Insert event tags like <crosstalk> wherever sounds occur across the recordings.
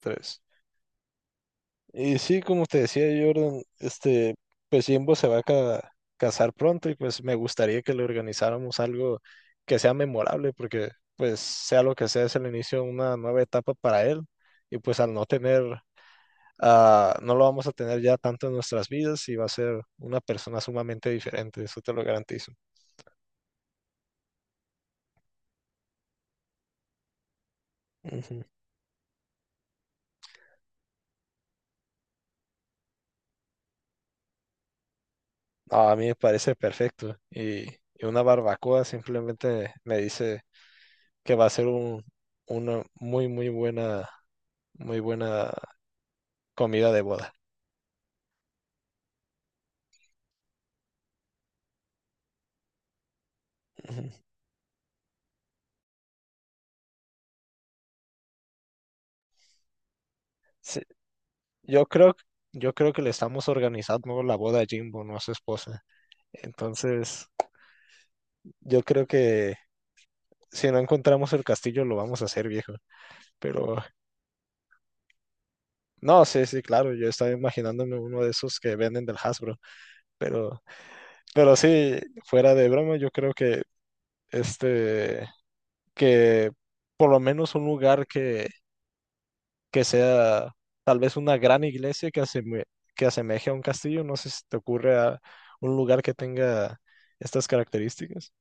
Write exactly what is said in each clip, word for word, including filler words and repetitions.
Tres. Y sí, como te decía Jordan, este, pues Jimbo se va a ca- casar pronto y pues me gustaría que le organizáramos algo que sea memorable porque pues sea lo que sea es el inicio de una nueva etapa para él y pues al no tener, ah, no lo vamos a tener ya tanto en nuestras vidas y va a ser una persona sumamente diferente, eso te lo garantizo. Ujú. No, a mí me parece perfecto y, y una barbacoa simplemente me dice que va a ser un, una muy, muy buena muy buena comida de boda. Ujú. Sí, yo creo, yo creo que le estamos organizando la boda a Jimbo, no a su esposa. Entonces, yo creo que si no encontramos el castillo, lo vamos a hacer, viejo. Pero, no, sí, sí, claro, yo estaba imaginándome uno de esos que venden del Hasbro. Pero, pero sí, fuera de broma, yo creo que este, que por lo menos un lugar que que sea tal vez una gran iglesia que, aseme- que asemeje a un castillo. No sé si te ocurre a un lugar que tenga estas características.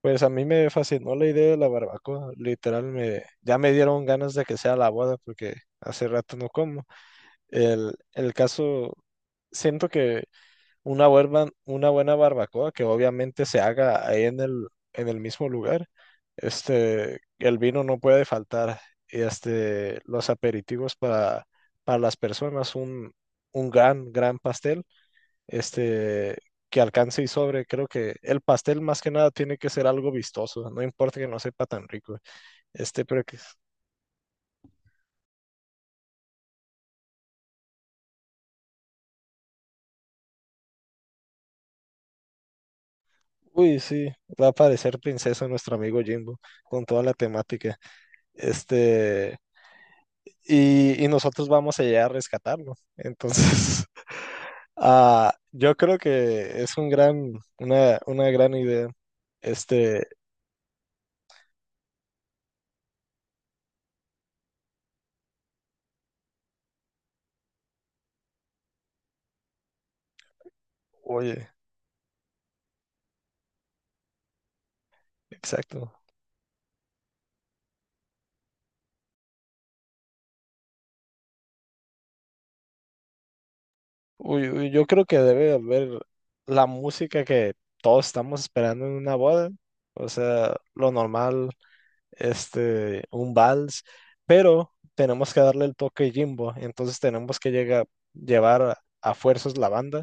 Pues a mí me fascinó la idea de la barbacoa. Literal, me, ya me dieron ganas de que sea la boda porque hace rato no como. El, el caso, siento que una buena, una buena barbacoa que obviamente se haga ahí en el, en el mismo lugar. Este, el vino no puede faltar. Y este, los aperitivos para, para las personas, un, un gran, gran pastel, este, que alcance y sobre. Creo que el pastel más que nada tiene que ser algo vistoso, no importa que no sepa tan rico. Este, pero que, uy, sí, va a parecer princesa nuestro amigo Jimbo con toda la temática. Este. y, y nosotros vamos a llegar a rescatarlo. Entonces, <laughs> ah, yo creo que es un gran, una, una gran idea. Este, oye, exacto. Uy, uy, yo creo que debe haber la música que todos estamos esperando en una boda. O sea, lo normal, este, un vals, pero tenemos que darle el toque Jimbo. Entonces tenemos que llegar, llevar a a fuerzas la banda.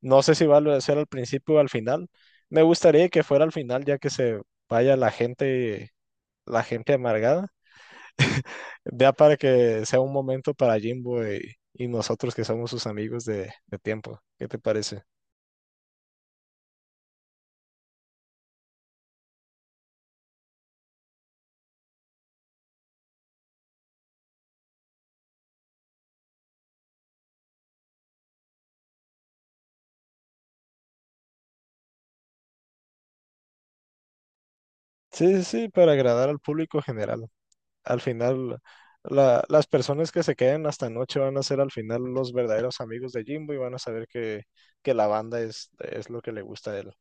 No sé si va a ser al principio o al final. Me gustaría que fuera al final, ya que se vaya la gente, la gente amargada. Ya para que sea un momento para Jimbo y, y nosotros que somos sus amigos de, de tiempo. ¿Qué te parece? Sí, sí, sí, para agradar al público general. Al final, la- las personas que se queden hasta noche van a ser al final los verdaderos amigos de Jimbo y van a saber que, que la banda es, es lo que le gusta a él.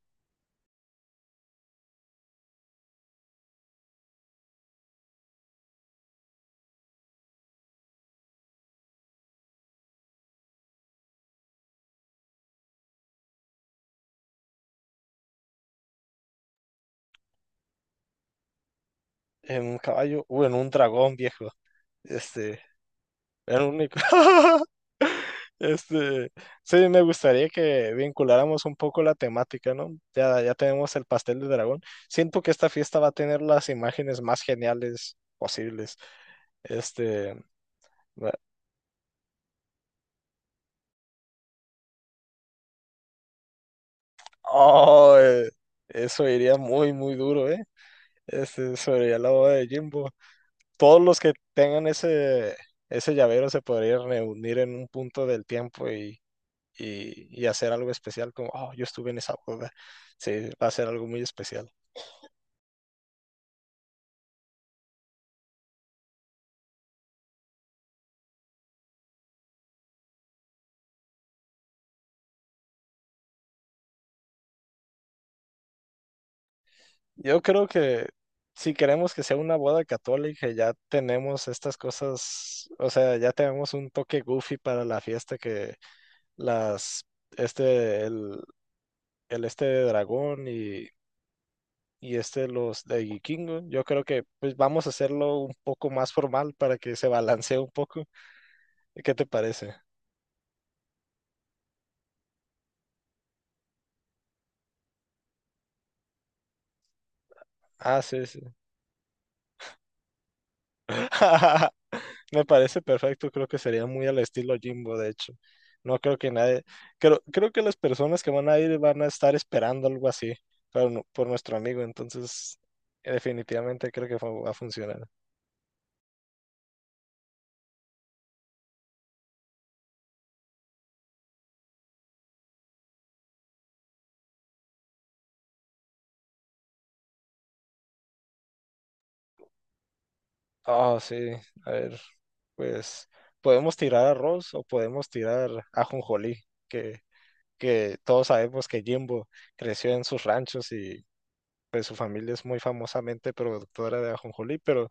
En un caballo, o en un dragón viejo. Este. Era único. <laughs> Este, sí, me gustaría que vinculáramos un poco la temática, ¿no? Ya, ya tenemos el pastel de dragón. Siento que esta fiesta va a tener las imágenes más geniales posibles. Este, va- oh, eh, eso iría muy, muy duro, ¿eh? Este, sobre la boda de Jimbo. Todos los que tengan ese, ese llavero se podrían reunir en un punto del tiempo y, y, y hacer algo especial, como, oh, yo estuve en esa boda. Sí, va a ser algo muy especial. Yo creo que si queremos que sea una boda católica, ya tenemos estas cosas, o sea, ya tenemos un toque goofy para la fiesta que las, este, el, el este de dragón y, y este los de vikingo. Yo creo que pues vamos a hacerlo un poco más formal para que se balancee un poco. ¿Qué te parece? Ah, sí, sí. <laughs> Me parece perfecto, creo que sería muy al estilo Jimbo, de hecho. No creo que nadie, creo, creo que las personas que van a ir van a estar esperando algo así pero no- por nuestro amigo, entonces eh, definitivamente creo que fu- va a funcionar. Ah, sí, a ver, pues podemos tirar arroz o podemos tirar ajonjolí, que, que todos sabemos que Jimbo creció en sus ranchos y pues su familia es muy famosamente productora de ajonjolí, pero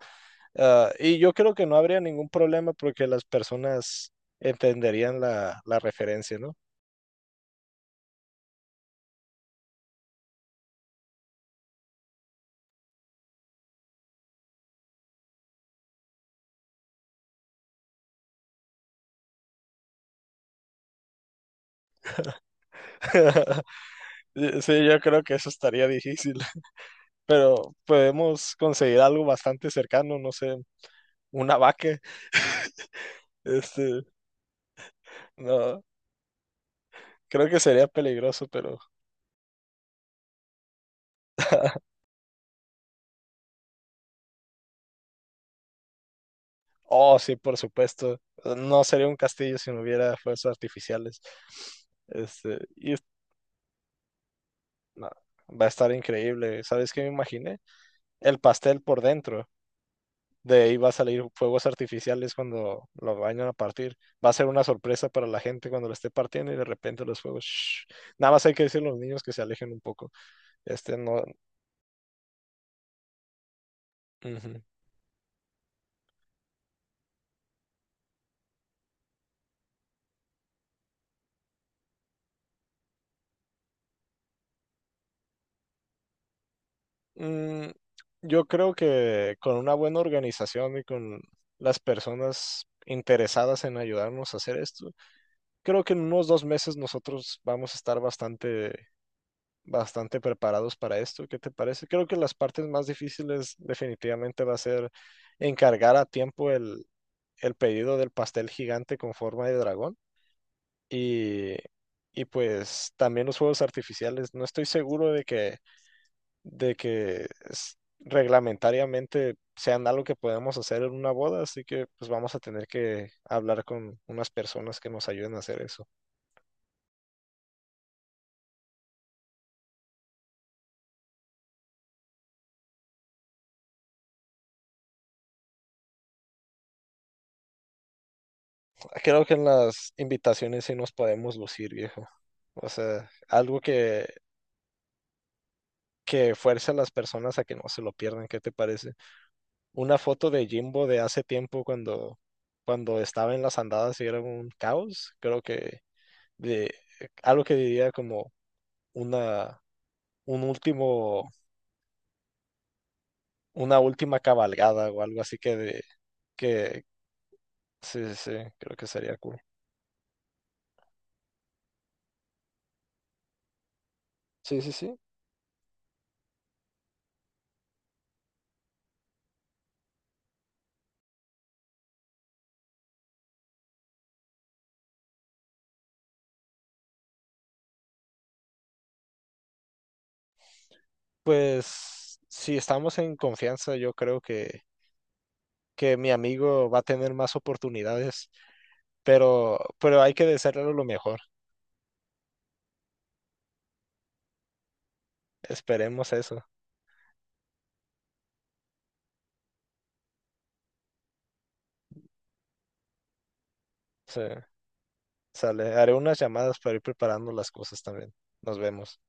Ah, y yo creo que no habría ningún problema porque las personas entenderían la, la referencia, ¿no? <laughs> Sí, yo creo que eso estaría difícil, <laughs> pero podemos conseguir algo bastante cercano, no sé, una vaca, este, no, creo que sería peligroso, pero, oh, sí, por supuesto, no sería un castillo si no hubiera fuerzas artificiales, este, y no, va a estar increíble, ¿sabes qué me imaginé? El pastel por dentro. De ahí va a salir fuegos artificiales cuando lo vayan a partir. Va a ser una sorpresa para la gente cuando lo esté partiendo y de repente los fuegos. Shhh. Nada más hay que decirle a los niños que se alejen un poco. Este no. Ujú. Mm, yo creo que con una buena organización y con las personas interesadas en ayudarnos a hacer esto, creo que en unos dos meses nosotros vamos a estar bastante bastante preparados para esto. ¿Qué te parece? Creo que las partes más difíciles definitivamente va a ser encargar a tiempo el, el pedido del pastel gigante con forma de dragón y, y pues también los fuegos artificiales. No estoy seguro de que, de que s- reglamentariamente sean algo que podemos hacer en una boda, así que pues vamos a tener que hablar con unas personas que nos ayuden a hacer eso. Creo que en las invitaciones sí nos podemos lucir, viejo. O sea, algo que, que fuerce a las personas a que no se lo pierdan, ¿qué te parece? Una foto de Jimbo de hace tiempo cuando, cuando estaba en las andadas y era un caos, creo que de, algo que diría como una, un último, una última cabalgada o algo así que de, que sí, sí, sí, creo que sería cool. Sí, sí, sí. Pues si estamos en confianza, yo creo que que mi amigo va a tener más oportunidades, pero, pero hay que desearle lo mejor. Esperemos eso. Sí, sale. Haré unas llamadas para ir preparando las cosas también. Nos vemos.